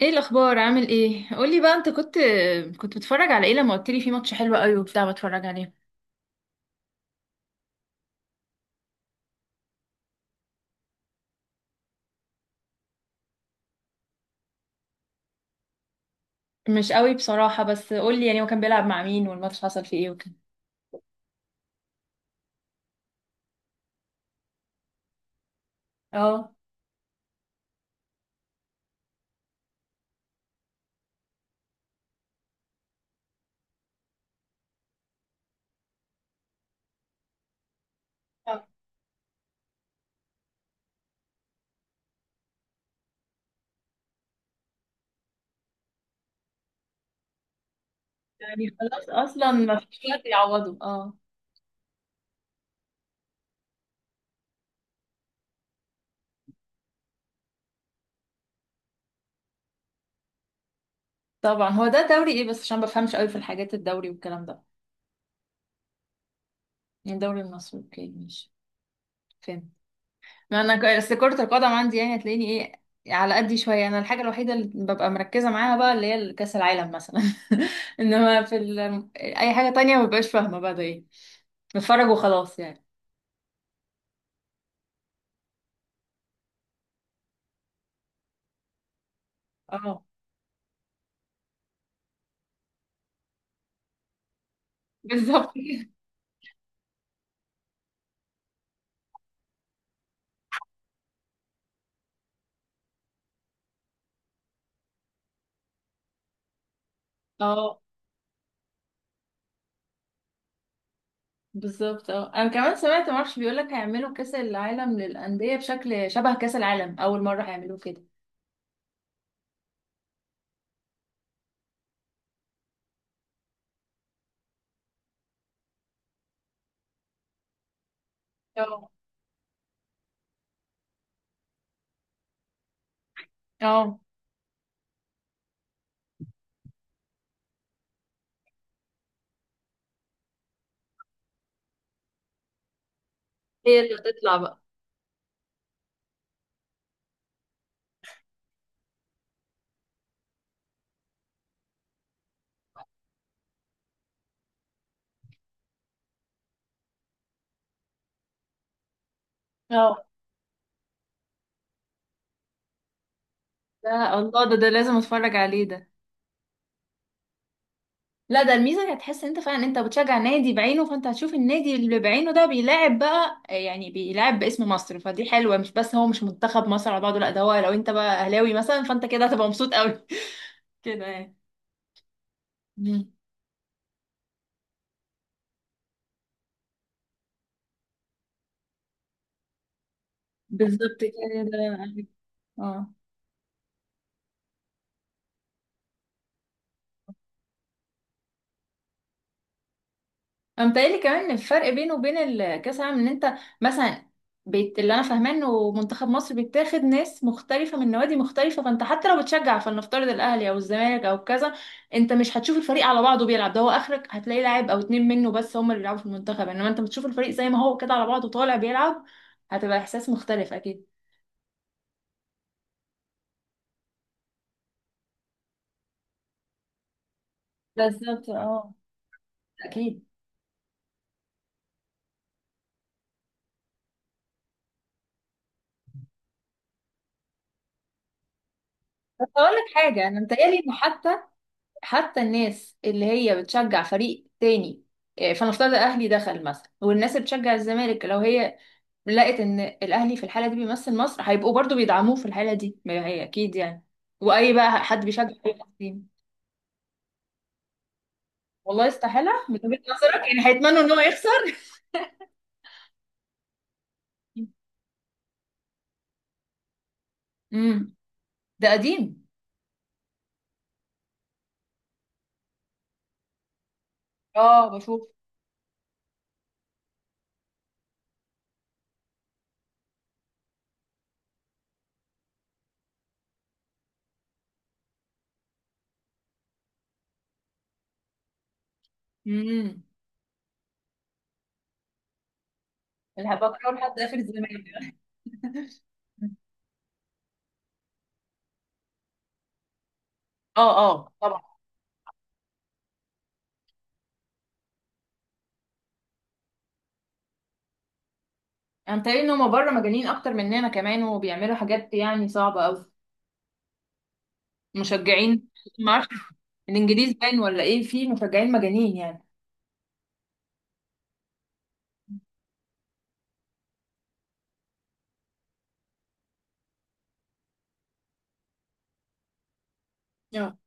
ايه الاخبار؟ عامل ايه؟ قولي بقى، انت كنت بتتفرج على ايه لما قلت لي في ماتش حلو قوي وبتاع بتفرج عليه؟ مش قوي بصراحة، بس قولي، يعني هو كان بيلعب مع مين والماتش حصل فيه ايه وكده؟ اه. آه، يعني خلاص اصلا ما فيش وقت يعوضه، اه. طبعا. هو ده دوري ايه بس؟ عشان ما بفهمش قوي في الحاجات الدوري والكلام ده. يعني الدوري المصري، اوكي، ماشي، فهمت. ما انا اصل كرة القدم عندي يعني هتلاقيني ايه، على قدي شوية. انا الحاجة الوحيدة اللي ببقى مركزة معاها بقى اللي هي كأس العالم مثلا انما اي حاجة تانية ما ببقاش فاهمة بقى ده ايه، بتفرج وخلاص يعني. اه، بالظبط اه بالظبط، اه. انا كمان سمعت، معرفش، بيقولك هيعملوا كأس العالم للأندية بشكل شبه كأس العالم، اول مرة هيعملوه كده. اه اه. هي اللي هتطلع بقى. اه، ده الله، ده لازم اتفرج عليه ده. لا، ده الميزه انك هتحس ان انت فعلا انت بتشجع نادي بعينه، فانت هتشوف النادي اللي بعينه ده بيلاعب بقى، يعني بيلاعب باسم مصر، فدي حلوه. مش بس هو مش منتخب مصر على بعضه، لا، ده هو لو انت بقى اهلاوي مثلا، فانت كده هتبقى مبسوط قوي كده يعني. مم. بالظبط كده، اه. انا متهيألي كمان الفرق بينه وبين الكاس العالم ان انت مثلا، بيت اللي انا فاهماه انه منتخب مصر بيتاخد ناس مختلفه من نوادي مختلفه، فانت حتى لو بتشجع، فلنفترض الاهلي او الزمالك او كذا، انت مش هتشوف الفريق على بعضه بيلعب. ده هو اخرك هتلاقي لاعب او اتنين منه بس هم اللي بيلعبوا في المنتخب، انما انت بتشوف الفريق زي ما هو كده على بعضه طالع بيلعب. هتبقى احساس مختلف اكيد. بالظبط، اه، اكيد. بس اقول لك حاجه، انا متهيألي ان حتى الناس اللي هي بتشجع فريق تاني، فنفترض الاهلي دخل مثلا، والناس اللي بتشجع الزمالك لو هي لقت ان الاهلي في الحاله دي بيمثل مصر، هيبقوا برضو بيدعموه في الحاله دي، ما هي اكيد يعني. واي بقى حد بيشجع فريق قديم! والله؟ استحاله من وجهه نظرك، يعني هيتمنوا ان هو يخسر؟ امم. ده قديم. اه بشوف. امم. اللي بكرهه لحد اخر الزمالك اه، اه طبعا. انا متهيألي ان هما بره مجانين اكتر مننا كمان، وبيعملوا حاجات يعني صعبه قوي، مشجعين. ما اعرفش، الانجليز باين ولا ايه في مشجعين مجانين يعني؟ اه،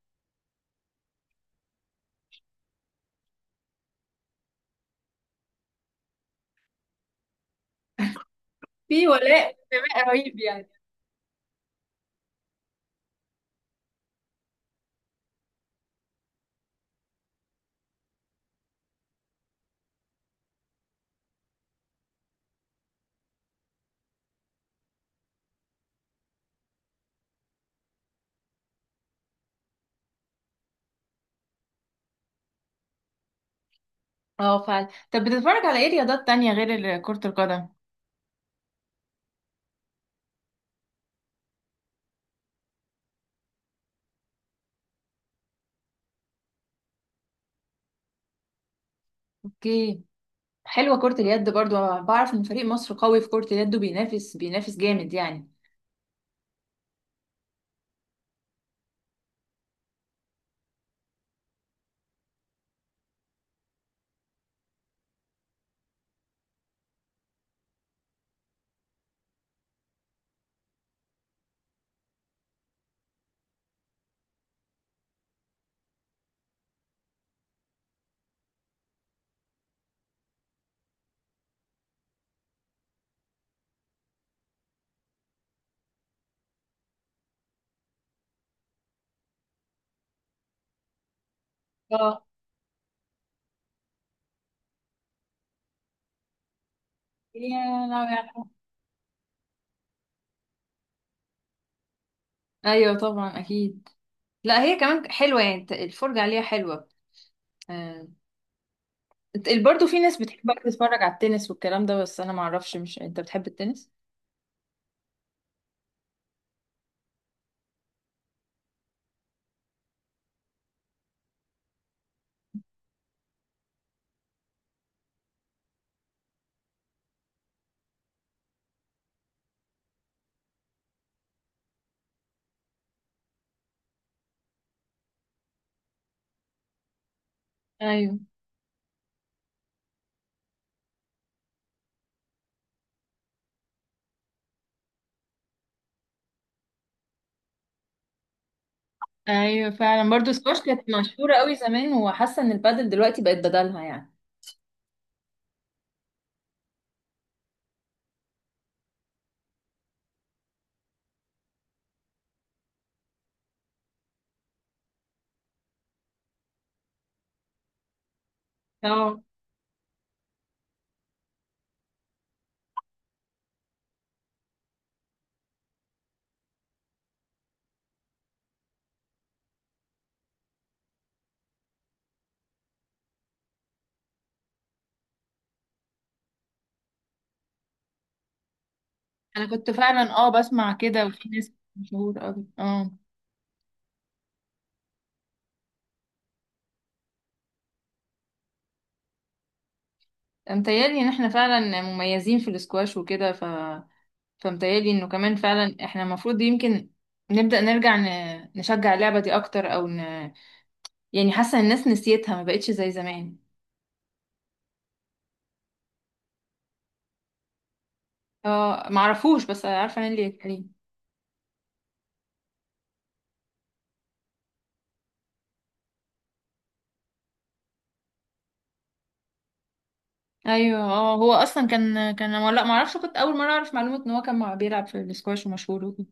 في ولاء انتماء رهيب يعني. اه فعلا. طب بتتفرج على ايه رياضات تانية غير كرة القدم؟ اوكي. حلوة كرة اليد برضو، أنا بعرف ان فريق مصر قوي في كرة اليد وبينافس، بينافس جامد يعني. اه، يا لهوي ايوه طبعا، اكيد. لا، هي كمان حلوة يعني، الفرجة عليها حلوة. آه. برضو في ناس بتحب تتفرج على التنس والكلام ده، بس انا معرفش، مش انت بتحب التنس؟ ايوه. ايوه فعلا، برضو سكواش. السكواش كانت مشهورة قوي زمان، وحاسة ان البادل دلوقتي بقت بدلها يعني. اه. انا كنت فعلا، اه، بسمع كده، وفي ناس مشهور قوي، اه. متهيألي ان احنا فعلا مميزين في السكواش وكده، فمتهيألي انه كمان فعلا احنا المفروض يمكن نبدأ نرجع ن... نشجع اللعبة دي اكتر، يعني حاسة ان الناس نسيتها، ما بقتش زي زمان. اه، معرفوش، بس عارفه انا اللي كريم. ايوه اه، هو اصلا لا ما اعرفش، كنت اول مره اعرف معلومه ان هو كان بيلعب في السكواش ومشهور وكده.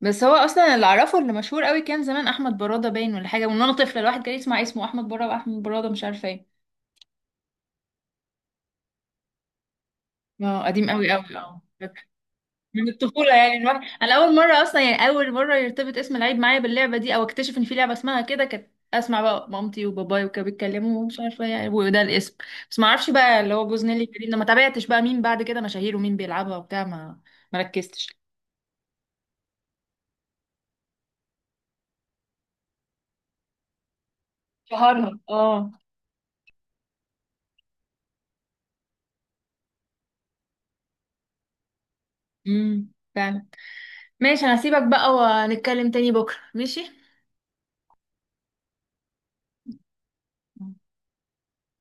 بس هو اصلا اللي اعرفه اللي مشهور قوي كان زمان احمد براده، باين ولا حاجه، وان انا طفله الواحد كان يسمع اسمه احمد براده، واحمد براده، مش عارفه ايه. اه قديم قوي قوي، اه فاكرة. من الطفوله يعني الواحد، انا اول مره اصلا، يعني اول مره يرتبط اسم لعيب معايا باللعبه دي، او اكتشف ان في لعبه اسمها كده، كانت اسمع بقى مامتي وباباي وكانوا بيتكلموا ومش عارفه يعني وده الاسم. بس ما اعرفش بقى اللي هو جوز نيلي كريم ده، ما تابعتش بقى مين بعد كده مشاهير ومين بيلعبها وبتاع، ما مركزتش. شهرها، اه. امم، فعلا. ماشي، انا هسيبك بقى ونتكلم تاني بكرة، ماشي.